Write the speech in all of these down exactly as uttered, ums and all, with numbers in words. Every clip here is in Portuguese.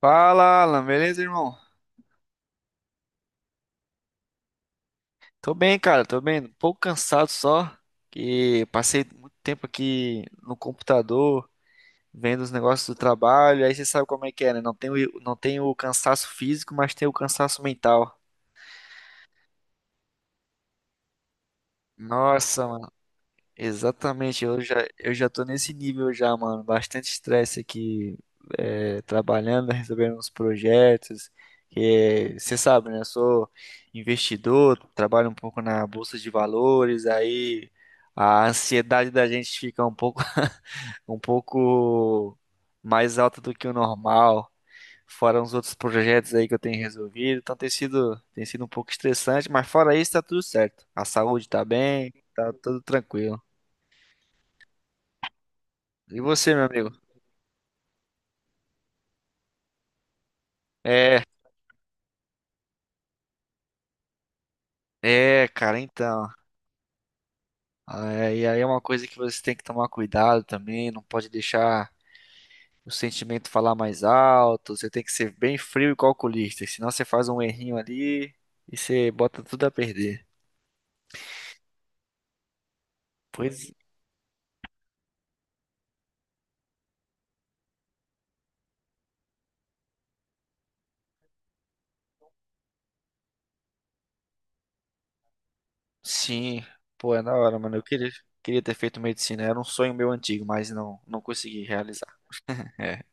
Fala, Alan, beleza, irmão? Tô bem, cara, tô bem. Um pouco cansado só, que passei muito tempo aqui no computador, vendo os negócios do trabalho. Aí você sabe como é que é, né? Não tem o, não tem o cansaço físico, mas tem o cansaço mental. Nossa, exatamente, eu já, eu já tô nesse nível já, mano. Bastante estresse aqui, é, trabalhando, resolvendo uns projetos. Que você sabe, né? Eu sou investidor, trabalho um pouco na bolsa de valores, aí a ansiedade da gente fica um pouco, um pouco mais alta do que o normal. Fora uns outros projetos aí que eu tenho resolvido, então tem sido, tem sido um pouco estressante, mas fora isso tá tudo certo. A saúde tá bem, tá tudo tranquilo. E você, meu amigo? É, é, cara, então. É, e aí é uma coisa que você tem que tomar cuidado também, não pode deixar o sentimento falar mais alto, você tem que ser bem frio e calculista, senão você faz um errinho ali e você bota tudo a perder. Pois sim, pô, é da hora, mano. Eu queria, queria ter feito medicina, era um sonho meu antigo, mas não, não consegui realizar. É,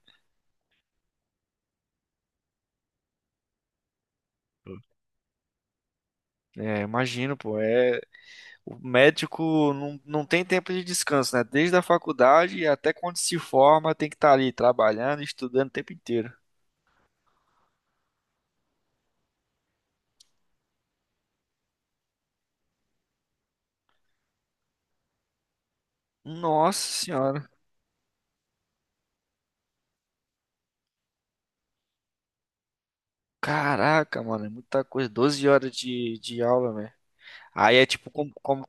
é, imagino, pô, é. O médico não, não tem tempo de descanso, né? Desde a faculdade até quando se forma, tem que estar ali trabalhando, estudando o tempo inteiro. Nossa senhora. Caraca, mano, é muita coisa. Doze horas de, de aula, velho. Aí é tipo, como, como.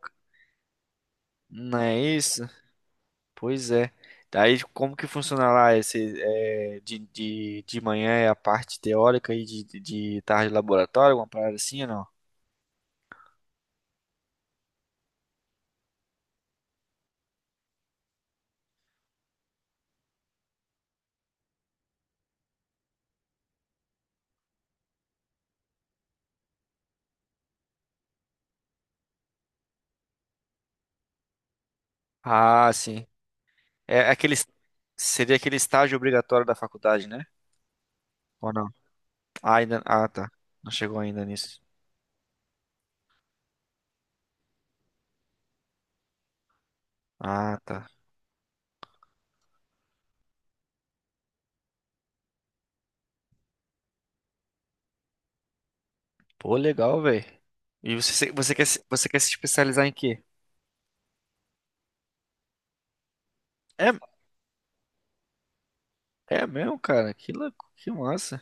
Não é isso? Pois é. Daí como que funciona lá esse, é, de, de, de manhã é a parte teórica e de, de de tarde laboratório, alguma parada assim ou não? Ah, sim. É aquele, seria aquele estágio obrigatório da faculdade, né? Ou não? Ah, ainda, ah, tá. Não chegou ainda nisso. Ah, tá. Pô, legal, velho. E você, se- você quer, se- você quer se especializar em quê? É, é mesmo, cara? Que louco, que massa.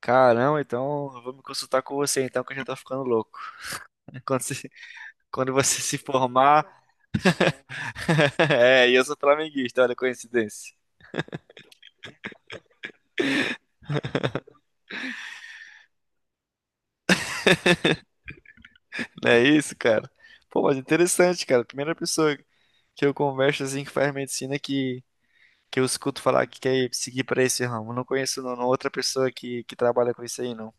Caramba, então eu vou me consultar com você, então, que eu já tô ficando louco. Quando você, quando você se formar. É, e eu sou flamenguista, olha a coincidência. Não é isso, cara? Pô, mas interessante, cara. Primeira pessoa que eu converso assim que faz medicina que. que eu escuto falar que quer seguir para esse ramo. Não conheço não, não, é outra pessoa que, que trabalha com isso aí, não.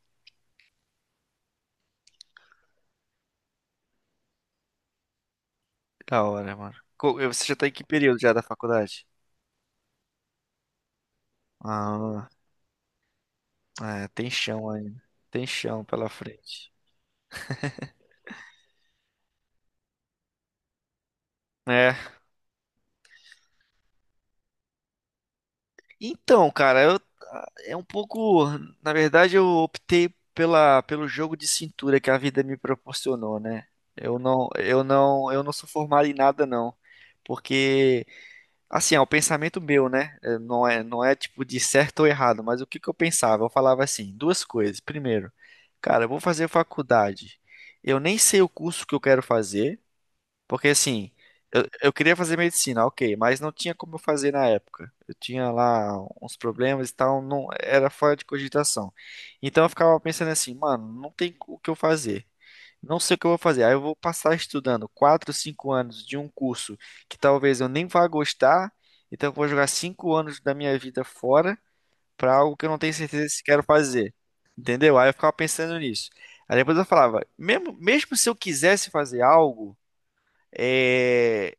Da hora, mano. Co- Você já tá em que período já da faculdade? Ah, é, tem chão ainda. Tem chão pela frente. É. Então, cara, eu é um pouco, na verdade, eu optei pela pelo jogo de cintura que a vida me proporcionou, né? Eu não, eu não, eu não sou formado em nada não, porque assim, é o pensamento meu, né? É, Não é, não é tipo de certo ou errado, mas o que que eu pensava? Eu falava assim, duas coisas. Primeiro, cara, eu vou fazer faculdade. Eu nem sei o curso que eu quero fazer. Porque assim, eu, eu queria fazer medicina, ok, mas não tinha como eu fazer na época. Eu tinha lá uns problemas e tal, não era fora de cogitação. Então eu ficava pensando assim, mano, não tem o que eu fazer. Não sei o que eu vou fazer. Aí eu vou passar estudando quatro cinco anos de um curso que talvez eu nem vá gostar. Então eu vou jogar cinco anos da minha vida fora para algo que eu não tenho certeza se quero fazer. Entendeu? Aí eu ficava pensando nisso. Aí depois eu falava, mesmo, mesmo se eu quisesse fazer algo, é,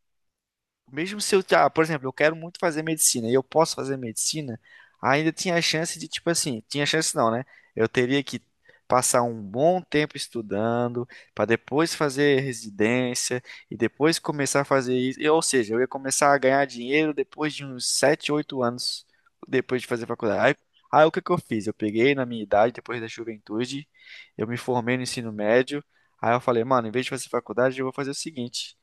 mesmo se eu, ah, por exemplo, eu quero muito fazer medicina e eu posso fazer medicina, ainda tinha a chance de, tipo assim, tinha chance não, né? Eu teria que passar um bom tempo estudando para depois fazer residência e depois começar a fazer isso. Eu- Ou seja, eu ia começar a ganhar dinheiro depois de uns sete, oito anos depois de fazer faculdade. Aí, aí o que que eu fiz? Eu peguei na minha idade, depois da juventude, eu me formei no ensino médio. Aí eu falei, mano, em vez de fazer faculdade, eu vou fazer o seguinte.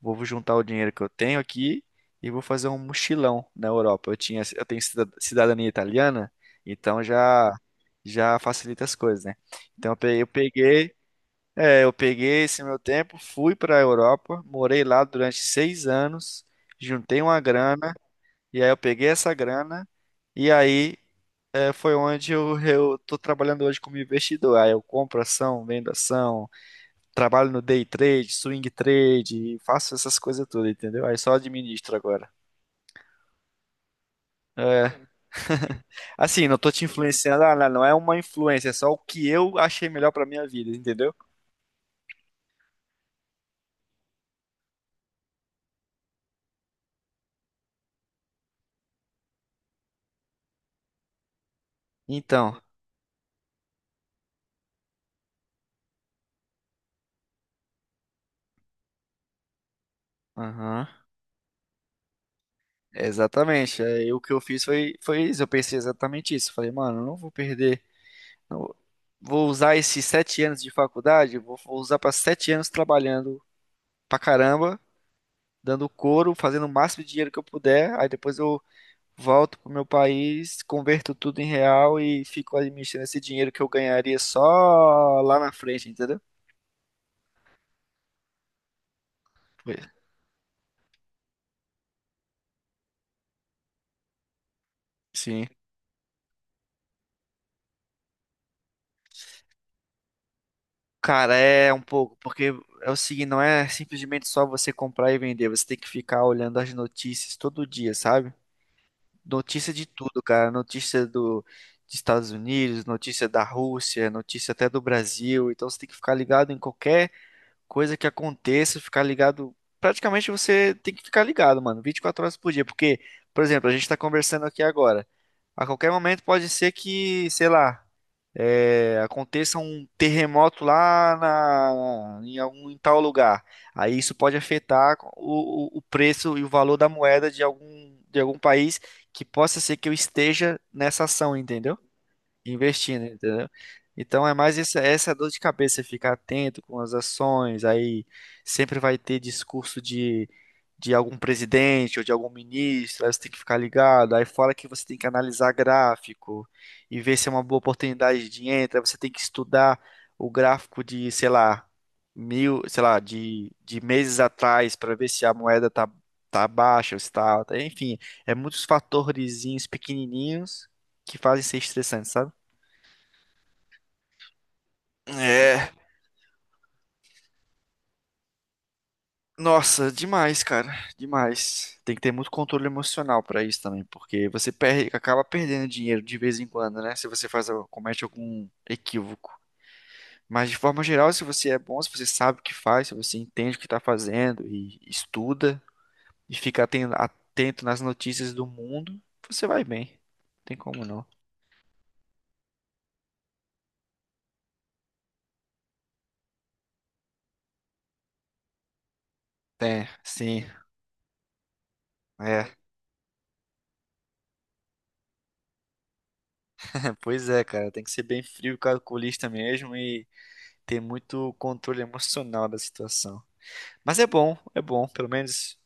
Vou juntar o dinheiro que eu tenho aqui e vou fazer um mochilão na Europa. Eu tinha, eu tenho cida- cidadania italiana, então já já facilita as coisas, né? Então eu peguei, eu peguei, é, eu peguei esse meu tempo, fui para a Europa, morei lá durante seis anos, juntei uma grana e aí eu peguei essa grana e aí é, foi onde eu, eu tô trabalhando hoje como investidor. Aí eu compro ação, vendo ação, trabalho no day trade, swing trade, faço essas coisas todas, entendeu? Aí só administro agora. É, assim, não tô te influenciando, ah, não não é uma influência, é só o que eu achei melhor pra minha vida, entendeu? Então, aham, exatamente. Aí o que eu fiz foi, foi, isso, eu pensei exatamente isso. Falei, mano, eu não vou perder, não- vou usar esses sete anos de faculdade, vou, vou usar pra sete anos trabalhando pra caramba, dando couro, fazendo o máximo de dinheiro que eu puder, aí depois eu volto pro meu país, converto tudo em real e fico administrando esse dinheiro que eu ganharia só lá na frente, entendeu? Pois, sim. Cara, é um pouco, porque é o seguinte, não é simplesmente só você comprar e vender, você tem que ficar olhando as notícias todo dia, sabe? Notícia de tudo, cara, notícia do dos Estados Unidos, notícia da Rússia, notícia até do Brasil, então você tem que ficar ligado em qualquer coisa que aconteça, ficar ligado. Praticamente você tem que ficar ligado, mano, vinte e quatro horas por dia, porque, por exemplo, a gente tá conversando aqui agora. A qualquer momento pode ser que, sei lá, é, aconteça um terremoto lá na, em algum em tal lugar. Aí isso pode afetar o, o o preço e o valor da moeda de algum, de algum país que possa ser que eu esteja nessa ação, entendeu? Investindo, entendeu? Então é mais essa, essa dor de cabeça, ficar atento com as ações, aí sempre vai ter discurso de, de algum presidente ou de algum ministro, aí você tem que ficar ligado, aí fala que você tem que analisar gráfico e ver se é uma boa oportunidade de entra, aí você tem que estudar o gráfico de, sei lá, mil, sei lá, de, de meses atrás para ver se a moeda tá, tá baixa ou se tá alta, enfim, é muitos fatores pequenininhos que fazem ser estressante, sabe? É, nossa, demais, cara, demais. Tem que ter muito controle emocional pra isso também, porque você perde, acaba perdendo dinheiro de vez em quando, né? Se você faz, al- comete algum equívoco. Mas de forma geral, se você é bom, se você sabe o que faz, se você entende o que tá fazendo e estuda e fica aten- atento nas notícias do mundo, você vai bem. Não tem como não. Tem, sim, é. Pois é, cara, tem que ser bem frio, calculista mesmo e ter muito controle emocional da situação. Mas é bom, é bom, pelo menos.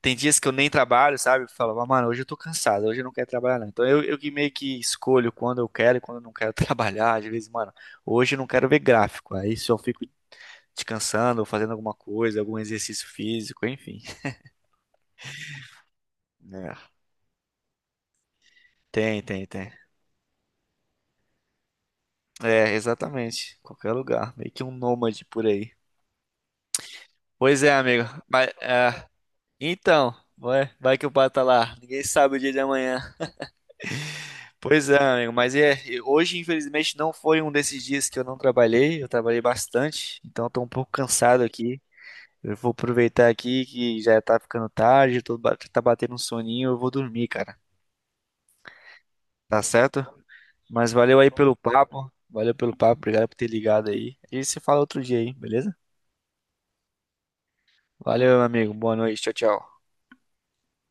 Tem dias que eu nem trabalho, sabe? Eu falo: "Ah, mano, hoje eu tô cansado, hoje eu não quero trabalhar, não." Então eu, eu que meio que escolho quando eu quero e quando eu não quero trabalhar. Às vezes, mano, hoje eu não quero ver gráfico. Aí só fico descansando, ou fazendo alguma coisa, algum exercício físico, enfim. É. Tem, tem, tem. É, exatamente. Qualquer lugar. Meio que um nômade por aí. Pois é, amigo. Mas, é, então, vai, vai que o pato tá lá. Ninguém sabe o dia de amanhã. Pois é, amigo, mas é, hoje infelizmente não foi um desses dias que eu não trabalhei, eu trabalhei bastante, então estou um pouco cansado aqui. Eu vou aproveitar aqui que já tá ficando tarde, tô, ba- tá batendo um soninho, eu vou dormir, cara. Tá certo? Mas valeu aí pelo papo, valeu pelo papo, obrigado por ter ligado aí. A gente se fala outro dia aí, beleza? Valeu, meu amigo, boa noite, tchau, tchau.